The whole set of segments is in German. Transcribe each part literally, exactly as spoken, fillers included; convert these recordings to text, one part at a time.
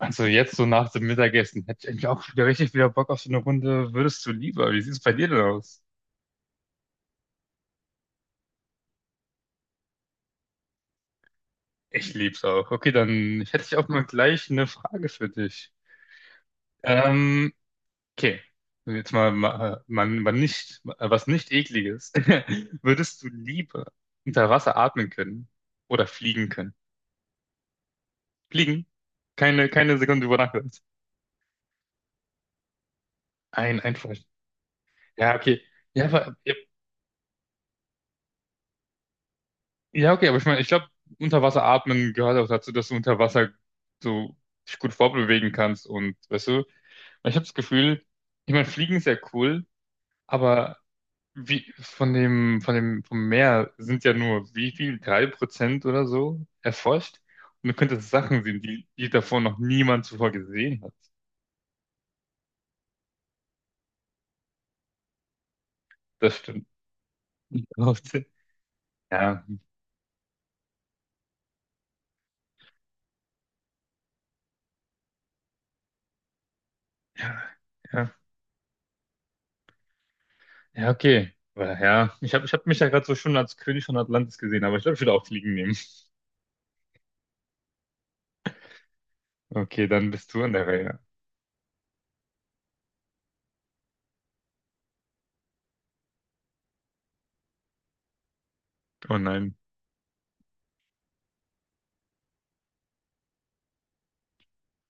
Also jetzt so nach dem Mittagessen hätte ich eigentlich auch wieder richtig wieder Bock auf so eine Runde. Würdest du lieber? Wie sieht es bei dir denn aus? Ich lieb's auch. Okay, dann hätte ich auch mal gleich eine Frage für dich. Ähm, okay. Jetzt mal, mal, mal, mal nicht, was nicht Ekliges. Würdest du lieber unter Wasser atmen können oder fliegen können? Fliegen? Keine, keine Sekunde über Nacht. Ein, einfach. Ja, okay. Ja, aber ja, ja, okay, aber ich meine, ich glaube, Unterwasser atmen gehört auch dazu, dass du unter Wasser so dich gut vorbewegen kannst und weißt du, weil ich habe das Gefühl, ich meine, Fliegen ist ja cool, aber wie von dem, von dem, vom Meer sind ja nur wie viel, drei Prozent oder so erforscht. Und du könntest Sachen sehen, die, die davor noch niemand zuvor gesehen hat. Das stimmt. Ja, ja, ja, ja, okay. Aber ja, ich habe ich hab mich ja gerade so schon als König von Atlantis gesehen, aber ich glaube, ich würde auch Fliegen nehmen. Okay, dann bist du an der Reihe. Oh nein.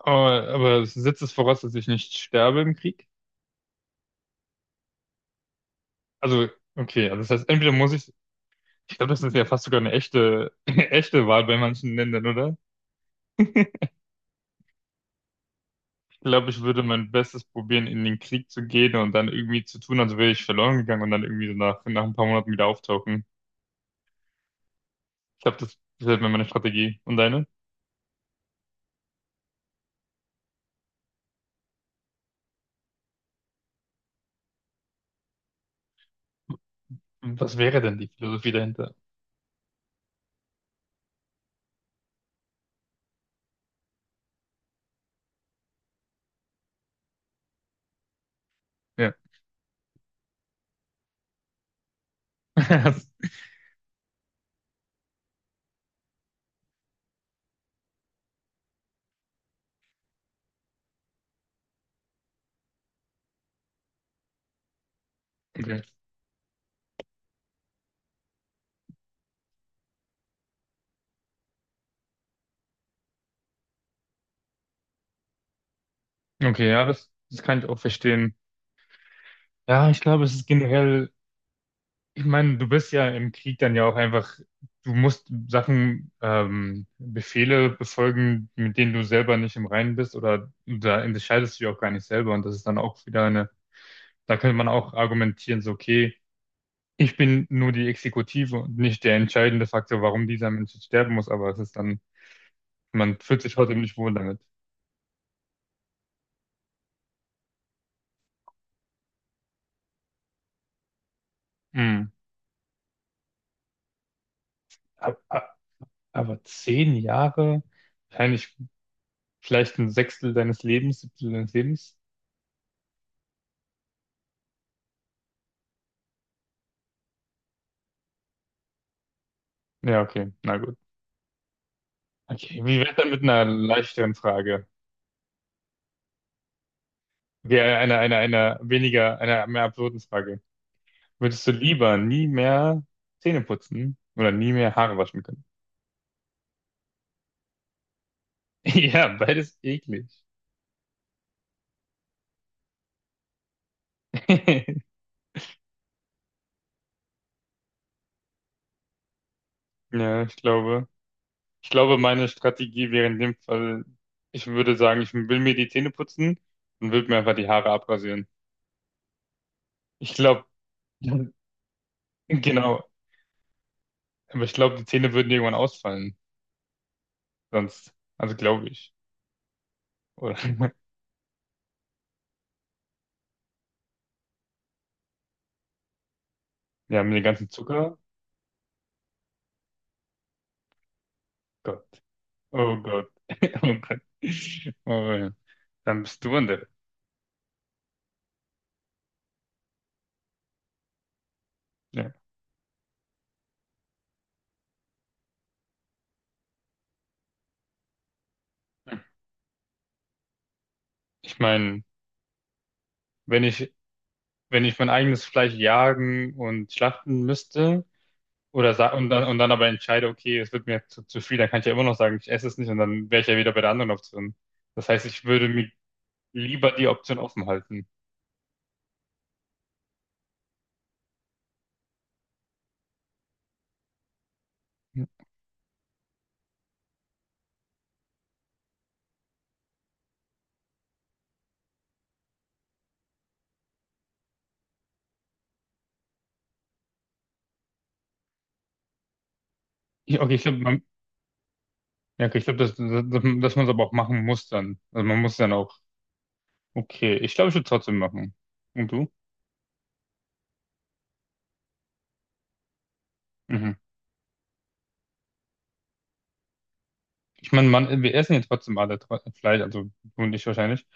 Oh, aber es setzt es voraus, dass ich nicht sterbe im Krieg? Also, okay, also das heißt, entweder muss ich, ich glaube, das ist ja fast sogar eine echte, eine echte Wahl bei manchen Ländern, oder? Ich glaube, ich würde mein Bestes probieren, in den Krieg zu gehen und dann irgendwie zu tun, als wäre ich verloren gegangen und dann irgendwie so nach, nach ein paar Monaten wieder auftauchen. Ich glaube, das wäre meine Strategie. Und deine? Was wäre denn die Philosophie dahinter? Ja. Okay, okay, ja, das, das kann ich auch verstehen. Ja, ich glaube, es ist generell. Ich meine, du bist ja im Krieg dann ja auch einfach, du musst Sachen, ähm, Befehle befolgen, mit denen du selber nicht im Reinen bist, oder da entscheidest du ja auch gar nicht selber und das ist dann auch wieder eine, da könnte man auch argumentieren, so, okay, ich bin nur die Exekutive und nicht der entscheidende Faktor, warum dieser Mensch jetzt sterben muss, aber es ist dann, man fühlt sich trotzdem nicht wohl damit. Hm. Ab- ab- Aber zehn Jahre, wahrscheinlich vielleicht ein Sechstel deines Lebens, Siebtel deines Lebens. Ja, okay, na, okay, wie wär's dann mit einer leichteren Frage? Okay, einer, einer, einer weniger, einer mehr absurden Frage. Würdest du lieber nie mehr Zähne putzen oder nie mehr Haare waschen können? Ja, beides eklig. Ja, ich glaube, ich glaube, meine Strategie wäre in dem Fall, ich würde sagen, ich will mir die Zähne putzen und würde mir einfach die Haare abrasieren. Ich glaube, genau, aber ich glaube, die Zähne würden irgendwann ausfallen. Sonst, also glaube ich. Oder, ja, mit dem ganzen Zucker. Oh Gott. Oh Gott. Oh, ja. Dann bist du an der. Ja. Ich meine, wenn ich, wenn ich mein eigenes Fleisch jagen und schlachten müsste oder sa- und dann, und dann aber entscheide, okay, es wird mir zu, zu viel, dann kann ich ja immer noch sagen, ich esse es nicht und dann wäre ich ja wieder bei der anderen Option. Das heißt, ich würde mir lieber die Option offen halten. Ich, okay, ich glaube, man, ja, okay, ich glaube, dass, dass, dass man es aber auch machen muss dann. Also man muss dann auch, okay, ich glaube, ich würde trotzdem machen. Und du? Mhm. Ich meine, man, wir essen ja trotzdem alle tro- Fleisch, also du und ich wahrscheinlich.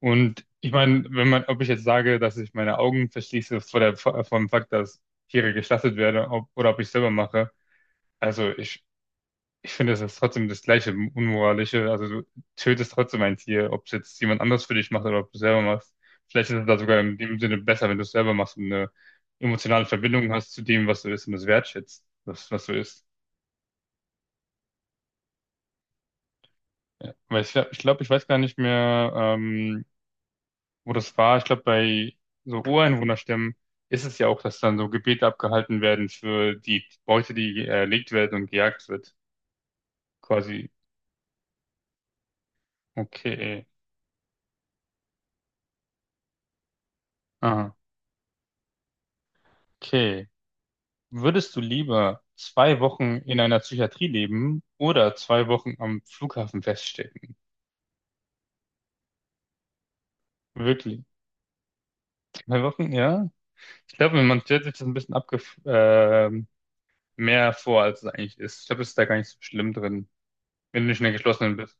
Und ich meine, wenn man, ob ich jetzt sage, dass ich meine Augen verschließe vor der, vor vor dem Fakt, dass Tiere geschlachtet werden, ob, oder ob ich selber mache, also ich, ich finde, das ist trotzdem das gleiche Unmoralische. Also du tötest trotzdem ein Tier, ob es jetzt jemand anders für dich macht oder ob du selber machst. Vielleicht ist es da sogar in dem Sinne besser, wenn du es selber machst und eine emotionale Verbindung hast zu dem, was du isst und es wertschätzt, was, was du isst. Ja, weil ich glaube, ich, glaub, ich weiß gar nicht mehr, ähm, wo das war, ich glaube, bei so Ureinwohnerstämmen ist es ja auch, dass dann so Gebete abgehalten werden für die Beute, die erlegt werden und gejagt wird. Quasi. Okay. Ah, okay. Würdest du lieber zwei Wochen in einer Psychiatrie leben oder zwei Wochen am Flughafen feststecken? Wirklich? Zwei Wochen, ja? Ich glaube, man stellt sich das ein bisschen abge ähm, mehr vor, als es eigentlich ist. Ich glaube, es ist da gar nicht so schlimm drin, wenn du nicht in der geschlossenen bist.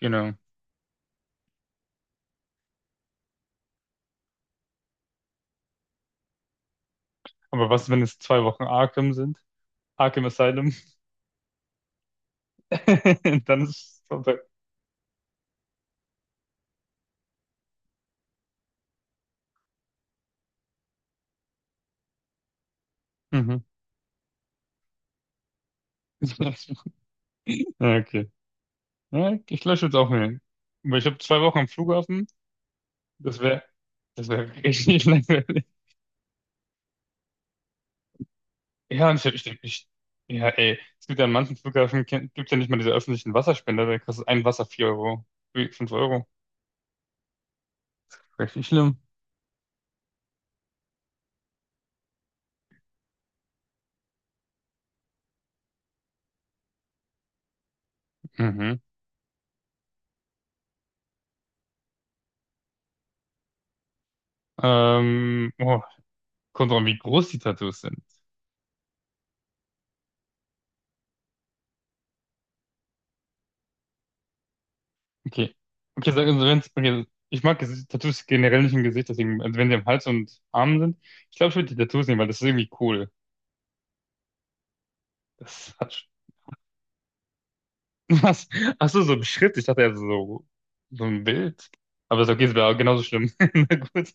Genau. Aber was, wenn es zwei Wochen Arkham sind? Arkham Asylum. Dann ist es vorbei. Mhm. Ja, okay. Ja, ich lösche jetzt auch mal. Weil ich habe zwei Wochen am Flughafen. Das wäre das wär richtig langweilig. Ja, und ich, hab- ich, denk, ich, ja, ey. Es gibt ja an manchen Flughafen, gibt es ja nicht mal diese öffentlichen Wasserspender. Da kostet ein Wasser vier Euro, fünf Euro. Richtig schlimm. Mhm. Ähm, oh, kommt drauf an, wie groß die Tattoos sind. Okay. Okay, sag- also wenn's, okay, also ich mag Gesi- Tattoos generell nicht im Gesicht, deswegen, also wenn sie am Hals und Armen sind, ich glaube, ich würde die Tattoos nehmen, weil das ist irgendwie cool. Das hat was. Ach so, so ein Schritt. Ich dachte ja so, so ein Bild. Aber ist okay, es wäre genauso schlimm. Na gut.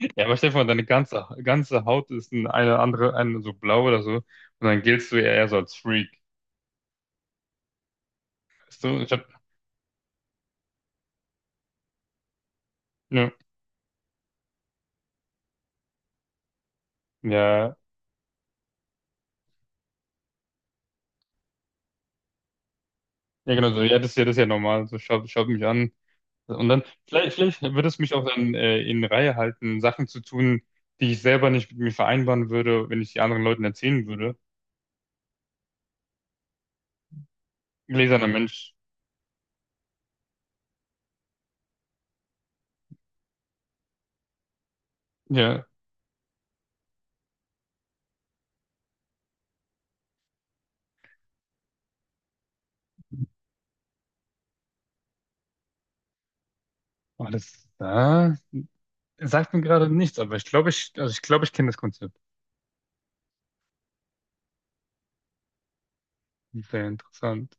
Ja, aber stell dir vor, deine ganze, ganze Haut ist ein- eine andere, eine so blau oder so. Und dann giltst du ja eher so als Freak. Weißt du? Ich hab, ja, ja, ja, genau so. Ja, das ist ja, das ist ja normal. So, schau, schau mich an. Und dann, vielleicht, vielleicht würde es mich auch dann äh, in Reihe halten, Sachen zu tun, die ich selber nicht mit mir vereinbaren würde, wenn ich die anderen Leuten erzählen würde. Gläserner Mensch. Ja. Alles da. Sagt mir gerade nichts, aber ich glaube, ich, also ich glaube, ich kenne das Konzept. Sehr interessant.